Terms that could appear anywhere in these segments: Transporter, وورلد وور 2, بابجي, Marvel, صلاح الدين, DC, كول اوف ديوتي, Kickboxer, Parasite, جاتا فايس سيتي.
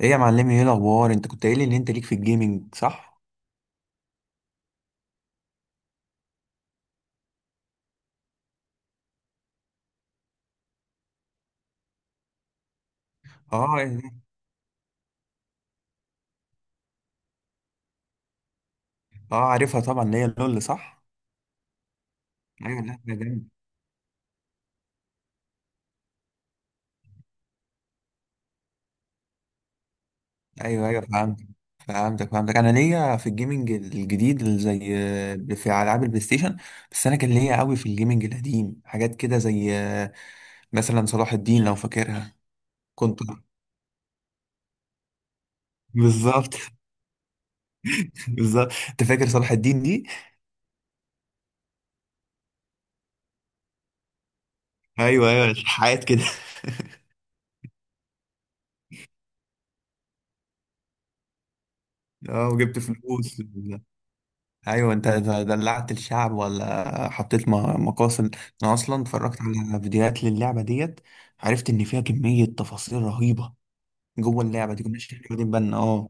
ايه يا معلمي، ايه الاخبار؟ انت كنت قايل لي ان انت ليك في الجيمنج صح؟ اه، اه، عارفها طبعا، اللي هي لول صح؟ ايوه، لا ده جامد. ايوه، ايوه، فهمتك فهمتك. انا ليا في الجيمنج الجديد اللي زي في العاب البلاي ستيشن. بس انا كان ليا قوي في الجيمنج القديم، حاجات كده زي مثلا صلاح الدين، لو فاكرها. كنت. بالظبط. بالظبط، انت فاكر صلاح الدين دي؟ ايوه، ايوه، حاجات كده. اه، وجبت فلوس. ايوه، انت إذا دلعت الشعب ولا حطيت مقاصد. انا اصلا اتفرجت على فيديوهات للعبه ديت. عرفت ان فيها كميه تفاصيل رهيبه. جوه اللعبه دي، كناش احنا واخدين بالنا. اه.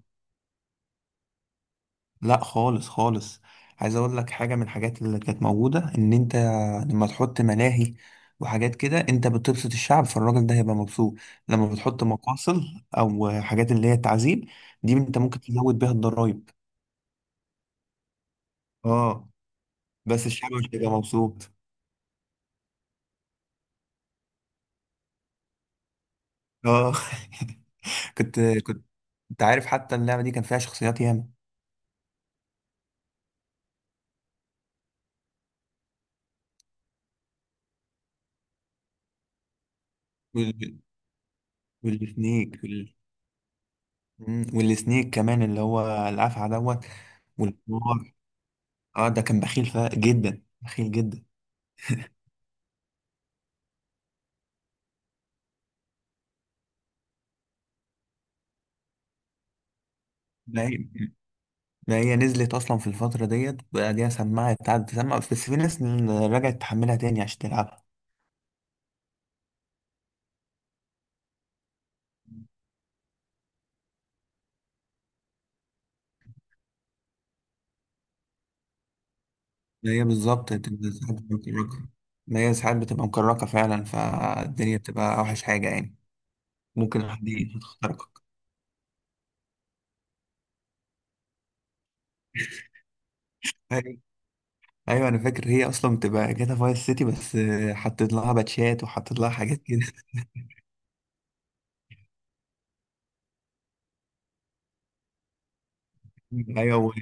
لا، خالص خالص. عايز اقول لك حاجه، من الحاجات اللي كانت موجوده، ان انت لما تحط ملاهي وحاجات كده انت بتبسط الشعب، فالراجل ده هيبقى مبسوط. لما بتحط مقاصد او حاجات اللي هي تعذيب، دي انت ممكن تزود بيها الضرايب. اه، بس الشعب مش هيبقى مبسوط. اه. كنت. انت عارف، حتى اللعبة دي كان فيها شخصيات ياما. وال- والسنيك والسنيك كمان، اللي هو الأفعى دوت. والحمار. اه، ده كان بخيل جدا، بخيل جدا. ما هي ما هي نزلت أصلا في الفترة ديت، وبعديها قعدت تسمع، بس في ناس رجعت تحملها تاني عشان تلعبها. ما هي بالظبط، بتبقى ساعات بتبقى مكركة. ما هي ساعات بتبقى مكركة فعلا، فالدنيا بتبقى أوحش حاجة يعني. ممكن حد يخترقك. ايوه، انا فاكر، هي اصلا بتبقى جاتا فايس سيتي، بس حطيت لها باتشات وحطيت لها حاجات كده. ايوه،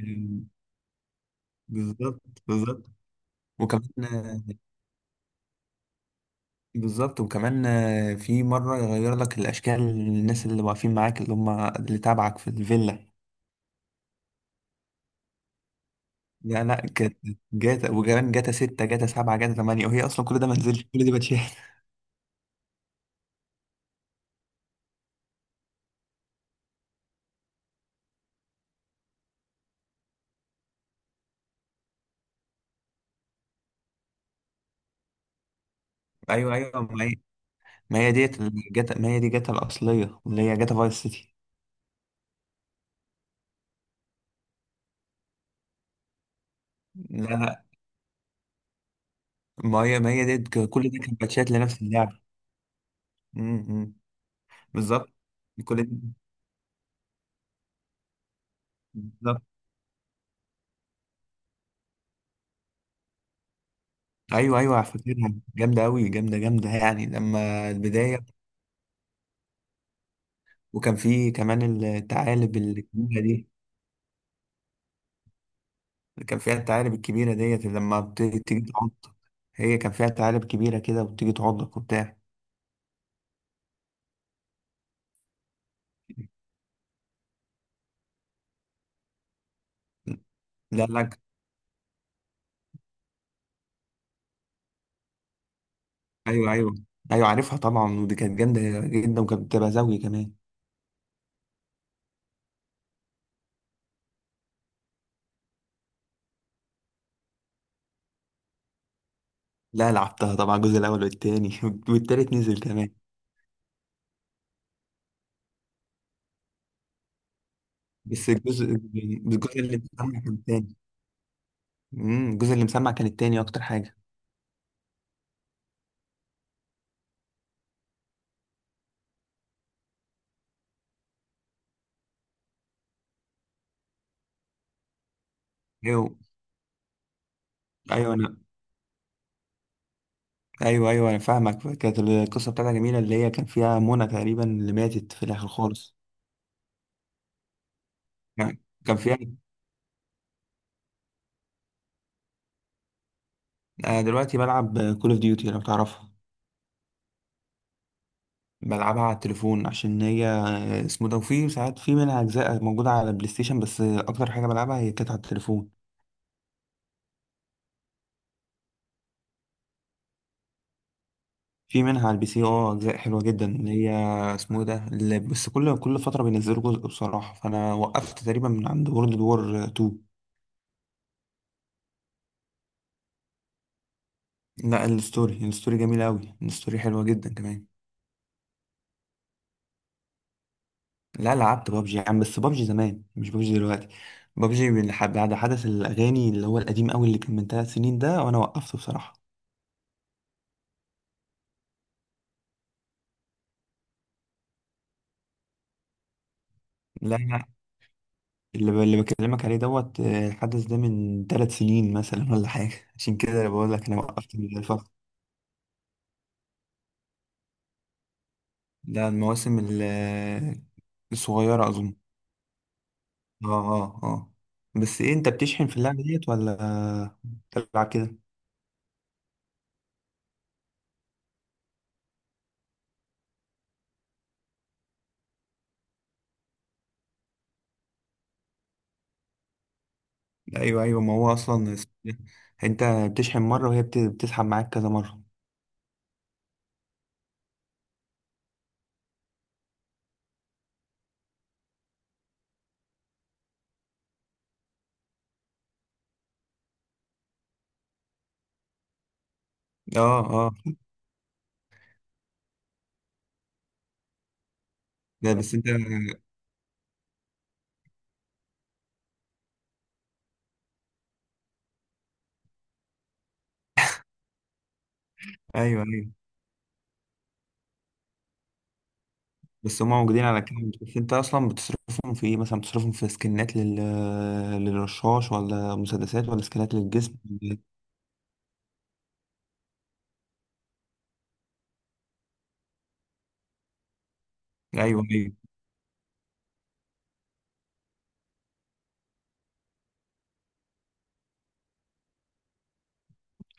بالظبط، بالظبط. وكمان بالظبط وكمان في مره يغير لك الاشكال، الناس اللي واقفين معاك اللي هم اللي تابعك في الفيلا. لا لا، كانت جاتا. وكمان جاتا 6، جاتا 7، جاتا 8، وهي اصلا كل ده ما نزلش، كل دي باتشات. ايوه، ايوه، ما هي ديت الجاتا، ما هي دي جاتا الاصليه، اللي هي جاتا فايس سيتي. لا لا، ما هي ديت كل ده كان باتشات لنفس اللعبه. امم بالظبط. كل بالظبط. ايوه، ايوه، فاكرها، جامده قوي، جامده جامده يعني لما البدايه. وكان في كمان الثعالب الكبيره دي. كان فيها الثعالب الكبيره ديت، اللي لما تيجي تعضك. هي كان فيها ثعالب كبيره كده، وبتيجي تعضك وبتاع. لا لا. ايوه، ايوه. ايوه، عارفها طبعا، ودي كانت جامده جدا، وكانت بتبقى زوجي كمان. لا، لعبتها طبعا، الجزء الاول والتاني. والتالت نزل كمان. بس الجزء اللي اتعمل كان تاني. الجزء اللي مسمع كان التاني، اكتر حاجه. ايوه، ايوه، انا فاهمك، كانت القصه بتاعتها جميله، اللي هي كان فيها منى تقريبا، اللي ماتت في الاخر خالص. يعني كان فيها. انا دلوقتي بلعب كول اوف ديوتي، لو تعرفها. بلعبها على التليفون، عشان هي اسمه ده، وفي ساعات في منها اجزاء موجوده على البلاي ستيشن، بس اكتر حاجه بلعبها هي كانت على التليفون. في منها على البي سي، اه، اجزاء حلوه جدا، اللي هي اسمه ده، اللي بس كل فتره بينزلوا جزء بصراحه، فانا وقفت تقريبا من عند وورلد وور 2. لا، الستوري جميل قوي، الستوري حلوه جدا كمان. لا، لعبت بابجي يا عم، بس بابجي زمان مش بابجي دلوقتي. بابجي من بعد حدث الاغاني، اللي هو القديم قوي، اللي كان من 3 سنين ده، وانا وقفته بصراحه. لا لا. اللي بكلمك عليه دوت الحدث ده من 3 سنين مثلا ولا حاجه. عشان كده بقول لك انا وقفت من الفتره. لا، المواسم الصغيره اظن. اه، اه، اه. بس ايه، انت بتشحن في اللعبه ديت ولا بتلعب كده؟ ايوه، ايوه، ما هو اصلا انت بتشحن مره وهي بتسحب معاك كذا مره. اه. اه، لا، بس انت. ايوه، ايوه، بس هم موجودين على كام، بس انت اصلا بتصرفهم في ايه؟ مثلا بتصرفهم في سكنات للرشاش ولا مسدسات ولا سكنات للجسم إيه؟ ايوه، ايوه.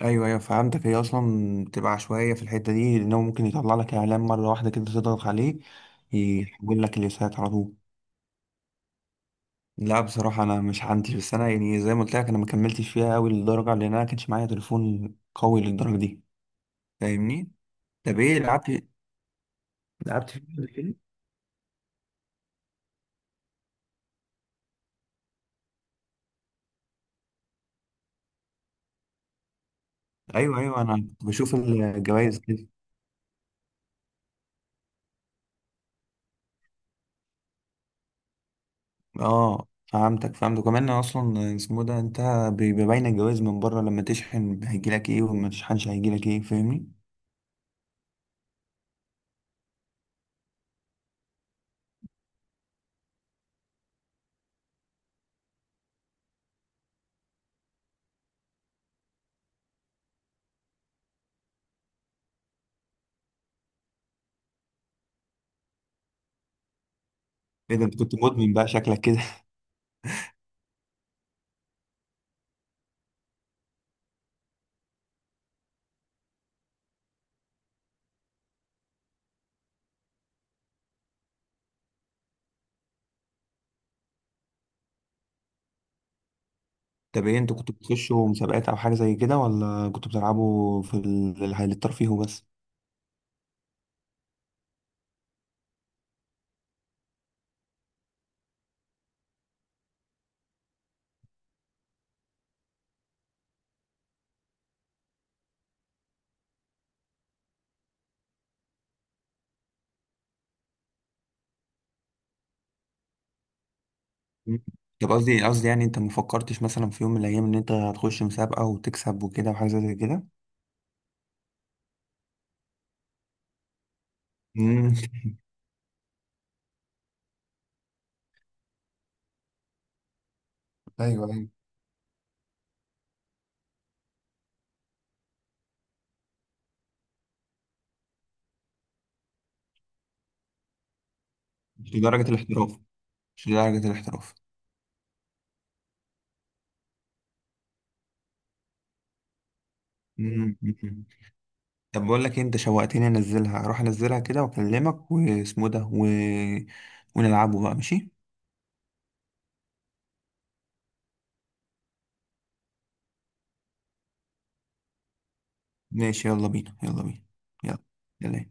ايوه، ايوه، فهمتك. هي اصلا بتبقى عشوائيه في الحته دي، لانه ممكن يطلع لك اعلان مره واحده كده، تضغط عليه. يحول لك اليسات على طول. لا، بصراحة أنا مش عندي، بس أنا يعني زي ما قلت لك، أنا ما كملتش فيها أوي للدرجة، لأن أنا كانش معايا تليفون قوي للدرجة دي. فاهمني؟ طب إيه، لعبت فيه قبل كده؟ أيوه، أيوه، أنا كنت بشوف الجوايز كده. أه، فهمتك فهمتك، كمان أصلا اسمه ده، أنت بيبقى باين الجوايز من بره، لما تشحن هيجيلك إيه وما تشحنش هيجيلك إيه، فاهمني؟ إيه ده، أنت كنت مدمن بقى شكلك كده. طب إيه، أنتوا كنتوا بتخشوا مسابقات أو حاجة زي كده، ولا كنتوا بتلعبوا في الترفيه وبس؟ مم. طب قصدي قصدي، يعني انت ما فكرتش مثلا في يوم من الايام ان انت هتخش مسابقه وتكسب وكده، وحاجه زي كده. مم. ايوه، ايوه، مش لدرجه الاحتراف. مش لدرجه الاحتراف. مم. مم. طب بقول لك إيه، انت شوقتني، اروح انزلها كده واكلمك واسمه ده ونلعبه بقى، ماشي. ماشي، يلا بينا، يلا بينا. يلا يلا.